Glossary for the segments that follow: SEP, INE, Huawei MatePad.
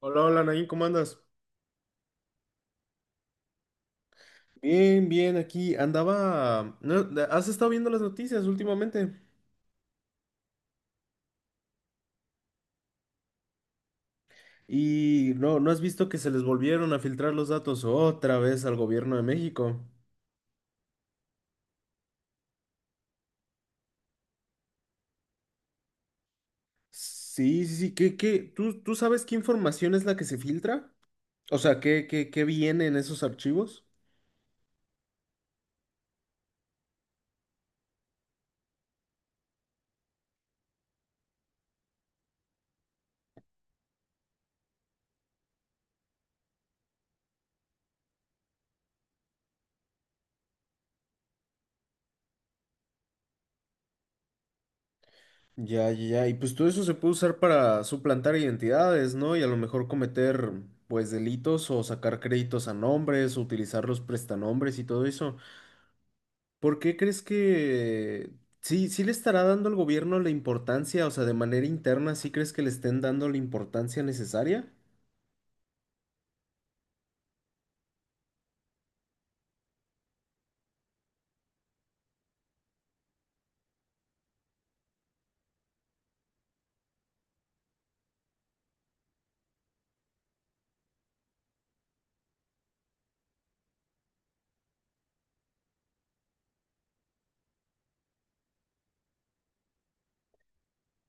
Hola, hola, Nain, ¿cómo andas? Bien, bien, aquí andaba. ¿No? de- ¿Has estado viendo las noticias últimamente? Y no, ¿no has visto que se les volvieron a filtrar los datos otra vez al gobierno de México? Sí, sí, sí, ¿qué? ¿Tú sabes qué información es la que se filtra? O sea, ¿qué viene en esos archivos? Ya, ya, ya, y pues todo eso se puede usar para suplantar identidades, ¿no? Y a lo mejor cometer, pues, delitos o sacar créditos a nombres, o utilizar los prestanombres y todo eso. ¿Por qué crees que sí le estará dando al gobierno la importancia, o sea, de manera interna, sí crees que le estén dando la importancia necesaria?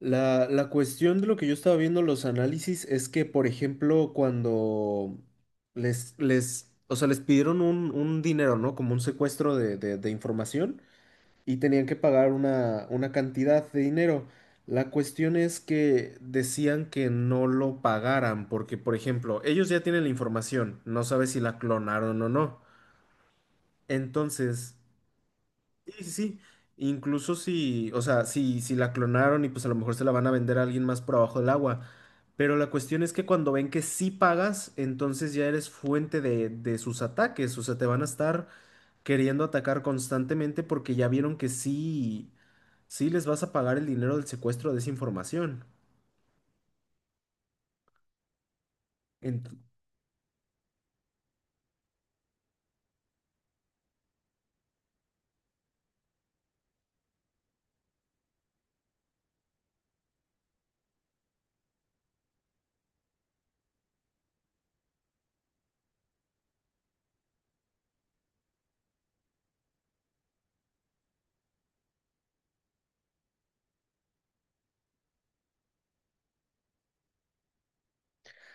La cuestión de lo que yo estaba viendo en los análisis es que, por ejemplo, cuando o sea, les pidieron un dinero, ¿no? Como un secuestro de, de información. Y tenían que pagar una cantidad de dinero. La cuestión es que decían que no lo pagaran porque, por ejemplo, ellos ya tienen la información, no sabe si la clonaron o no. Entonces, sí, sí, sí, incluso si, o sea, si la clonaron y pues a lo mejor se la van a vender a alguien más por abajo del agua. Pero la cuestión es que cuando ven que sí pagas, entonces ya eres fuente de sus ataques, o sea, te van a estar queriendo atacar constantemente porque ya vieron que sí les vas a pagar el dinero del secuestro de esa información. Ent-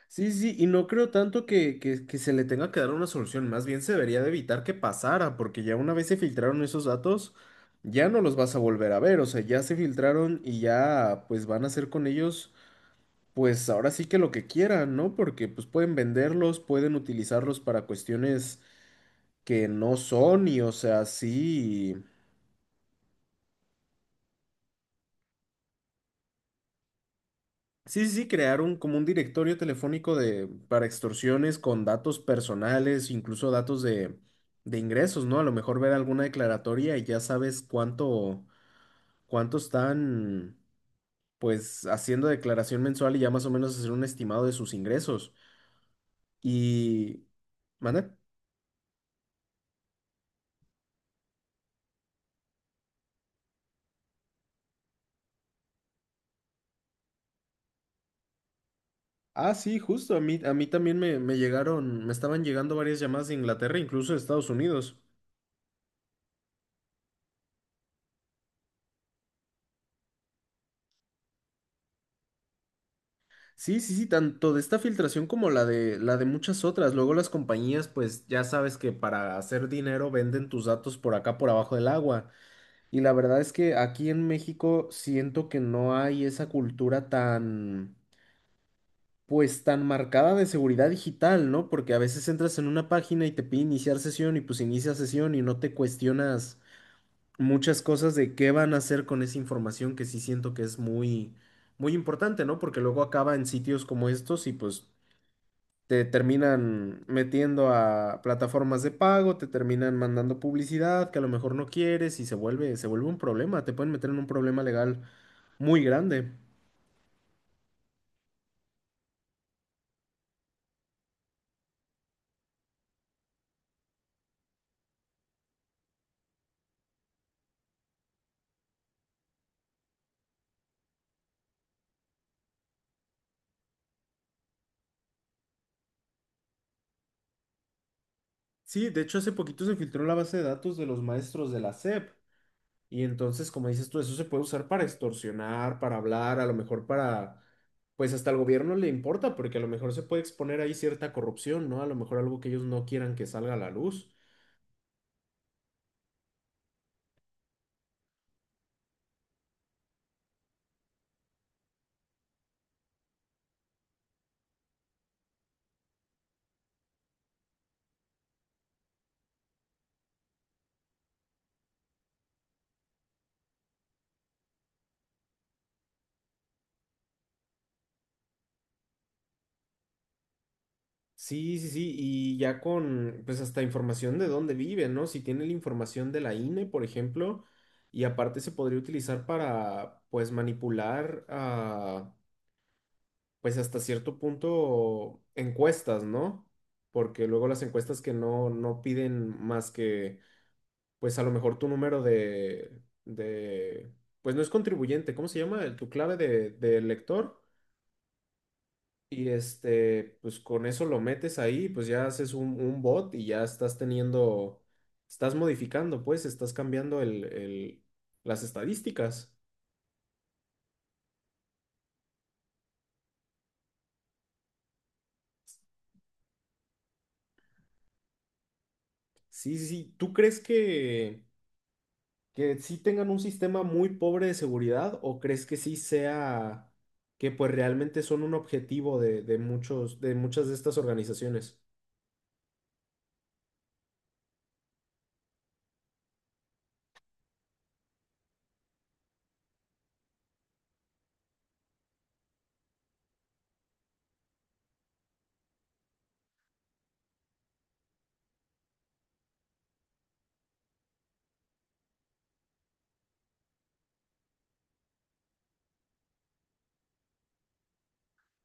sí, sí, y no creo tanto que, que se le tenga que dar una solución, más bien se debería de evitar que pasara, porque ya una vez se filtraron esos datos, ya no los vas a volver a ver, o sea, ya se filtraron y ya pues van a hacer con ellos, pues ahora sí que lo que quieran, ¿no? Porque pues pueden venderlos, pueden utilizarlos para cuestiones que no son y o sea, sí. Sí, sí, sí, crear un, como un directorio telefónico de, para extorsiones con datos personales, incluso datos de ingresos, ¿no? A lo mejor ver alguna declaratoria y ya sabes cuánto, cuánto están, pues, haciendo declaración mensual y ya más o menos hacer un estimado de sus ingresos. Y... ¿Mande? Ah, sí, justo, a mí también me llegaron, me estaban llegando varias llamadas de Inglaterra, incluso de Estados Unidos. Sí, sí, sí, tanto de esta filtración como la de muchas otras. Luego las compañías, pues ya sabes que para hacer dinero venden tus datos por acá, por abajo del agua. Y la verdad es que aquí en México siento que no hay esa cultura tan, pues tan marcada de seguridad digital, ¿no? Porque a veces entras en una página y te pide iniciar sesión y pues inicia sesión y no te cuestionas muchas cosas de qué van a hacer con esa información que sí siento que es muy muy importante, ¿no? Porque luego acaba en sitios como estos y pues te terminan metiendo a plataformas de pago, te terminan mandando publicidad que a lo mejor no quieres y se vuelve un problema, te pueden meter en un problema legal muy grande. Sí, de hecho hace poquito se filtró la base de datos de los maestros de la SEP y entonces, como dices tú, eso se puede usar para extorsionar, para hablar, a lo mejor para, pues hasta al gobierno le importa porque a lo mejor se puede exponer ahí cierta corrupción, ¿no? A lo mejor algo que ellos no quieran que salga a la luz. Sí, sí, sí, y ya con, pues hasta información de dónde vive, ¿no? Si tiene la información de la INE, por ejemplo, y aparte se podría utilizar para, pues, manipular, ah, pues, hasta cierto punto encuestas, ¿no? Porque luego las encuestas que no, no piden más que, pues, a lo mejor tu número de, pues, no es contribuyente, ¿cómo se llama? Tu clave de lector. Y este, pues con eso lo metes ahí, pues ya haces un bot y ya estás teniendo, estás modificando, pues, estás cambiando el, las estadísticas. Sí, sí, sí. ¿Tú crees que sí tengan un sistema muy pobre de seguridad o crees que sí sea que pues realmente son un objetivo de muchos, de muchas de estas organizaciones?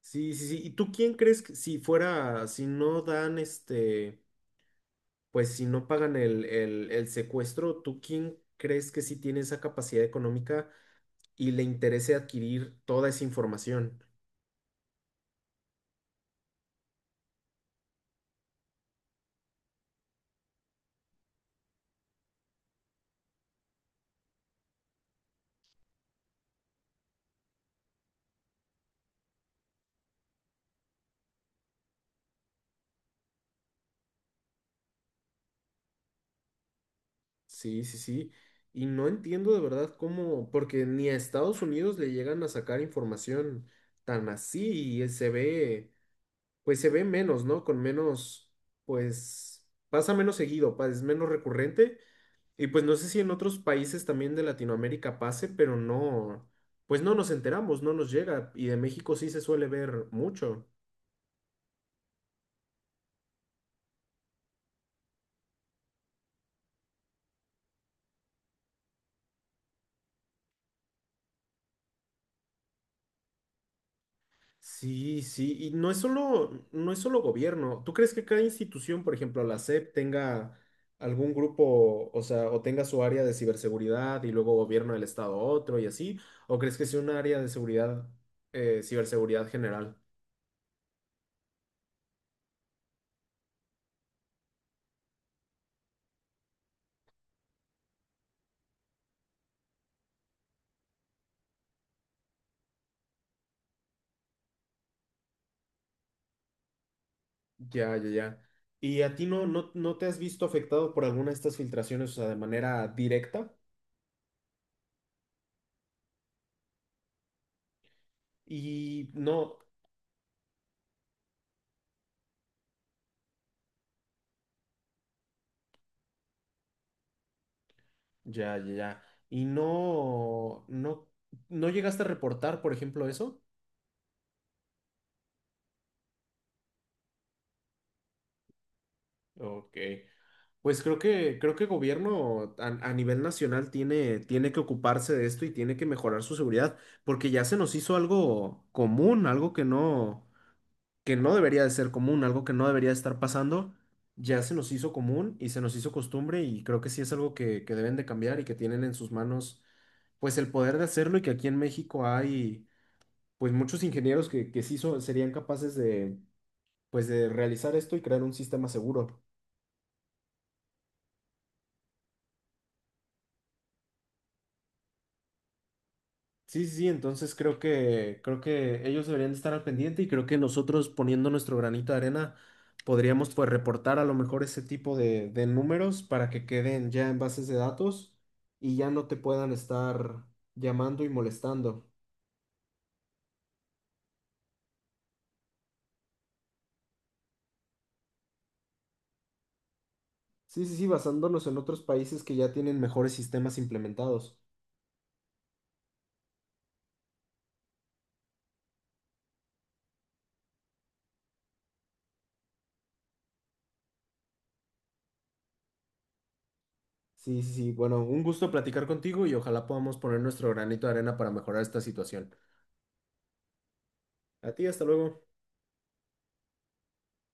Sí, sí, sí. ¿Y tú quién crees que si fuera, si no dan este... pues si no pagan el, el secuestro, ¿tú quién crees que sí tiene esa capacidad económica y le interese adquirir toda esa información? Sí, sí, sí. Y no entiendo de verdad cómo, porque ni a Estados Unidos le llegan a sacar información tan así y se ve, pues se ve menos, ¿no? Con menos, pues pasa menos seguido, es menos recurrente. Y pues no sé si en otros países también de Latinoamérica pase, pero no, pues no nos enteramos, no nos llega. Y de México sí se suele ver mucho. Sí, sí, y no es solo, no es solo gobierno. ¿Tú crees que cada institución, por ejemplo, la SEP, tenga algún grupo, o sea, o tenga su área de ciberseguridad y luego gobierno del estado otro y así? ¿O crees que sea un área de seguridad, ciberseguridad general? Ya, ya, ya. ¿Y a ti no, no, no te has visto afectado por alguna de estas filtraciones, o sea, de manera directa? Y no, ya, ya, ya. ¿Y no, no, no llegaste a reportar, por ejemplo, eso? Ok. Pues creo que gobierno a nivel nacional tiene, tiene que ocuparse de esto y tiene que mejorar su seguridad, porque ya se nos hizo algo común, algo que no. Que no debería de ser común, algo que no debería de estar pasando, ya se nos hizo común y se nos hizo costumbre y creo que sí es algo que deben de cambiar y que tienen en sus manos pues el poder de hacerlo y que aquí en México hay pues muchos ingenieros que serían capaces de pues de realizar esto y crear un sistema seguro. Sí, sí, sí, entonces creo que ellos deberían de estar al pendiente y creo que nosotros poniendo nuestro granito de arena podríamos pues reportar a lo mejor ese tipo de números para que queden ya en bases de datos y ya no te puedan estar llamando y molestando. Sí, sí, sí, basándonos en otros países que ya tienen mejores sistemas implementados. Sí, sí, sí, bueno, un gusto platicar contigo y ojalá podamos poner nuestro granito de arena para mejorar esta situación. A ti, hasta luego.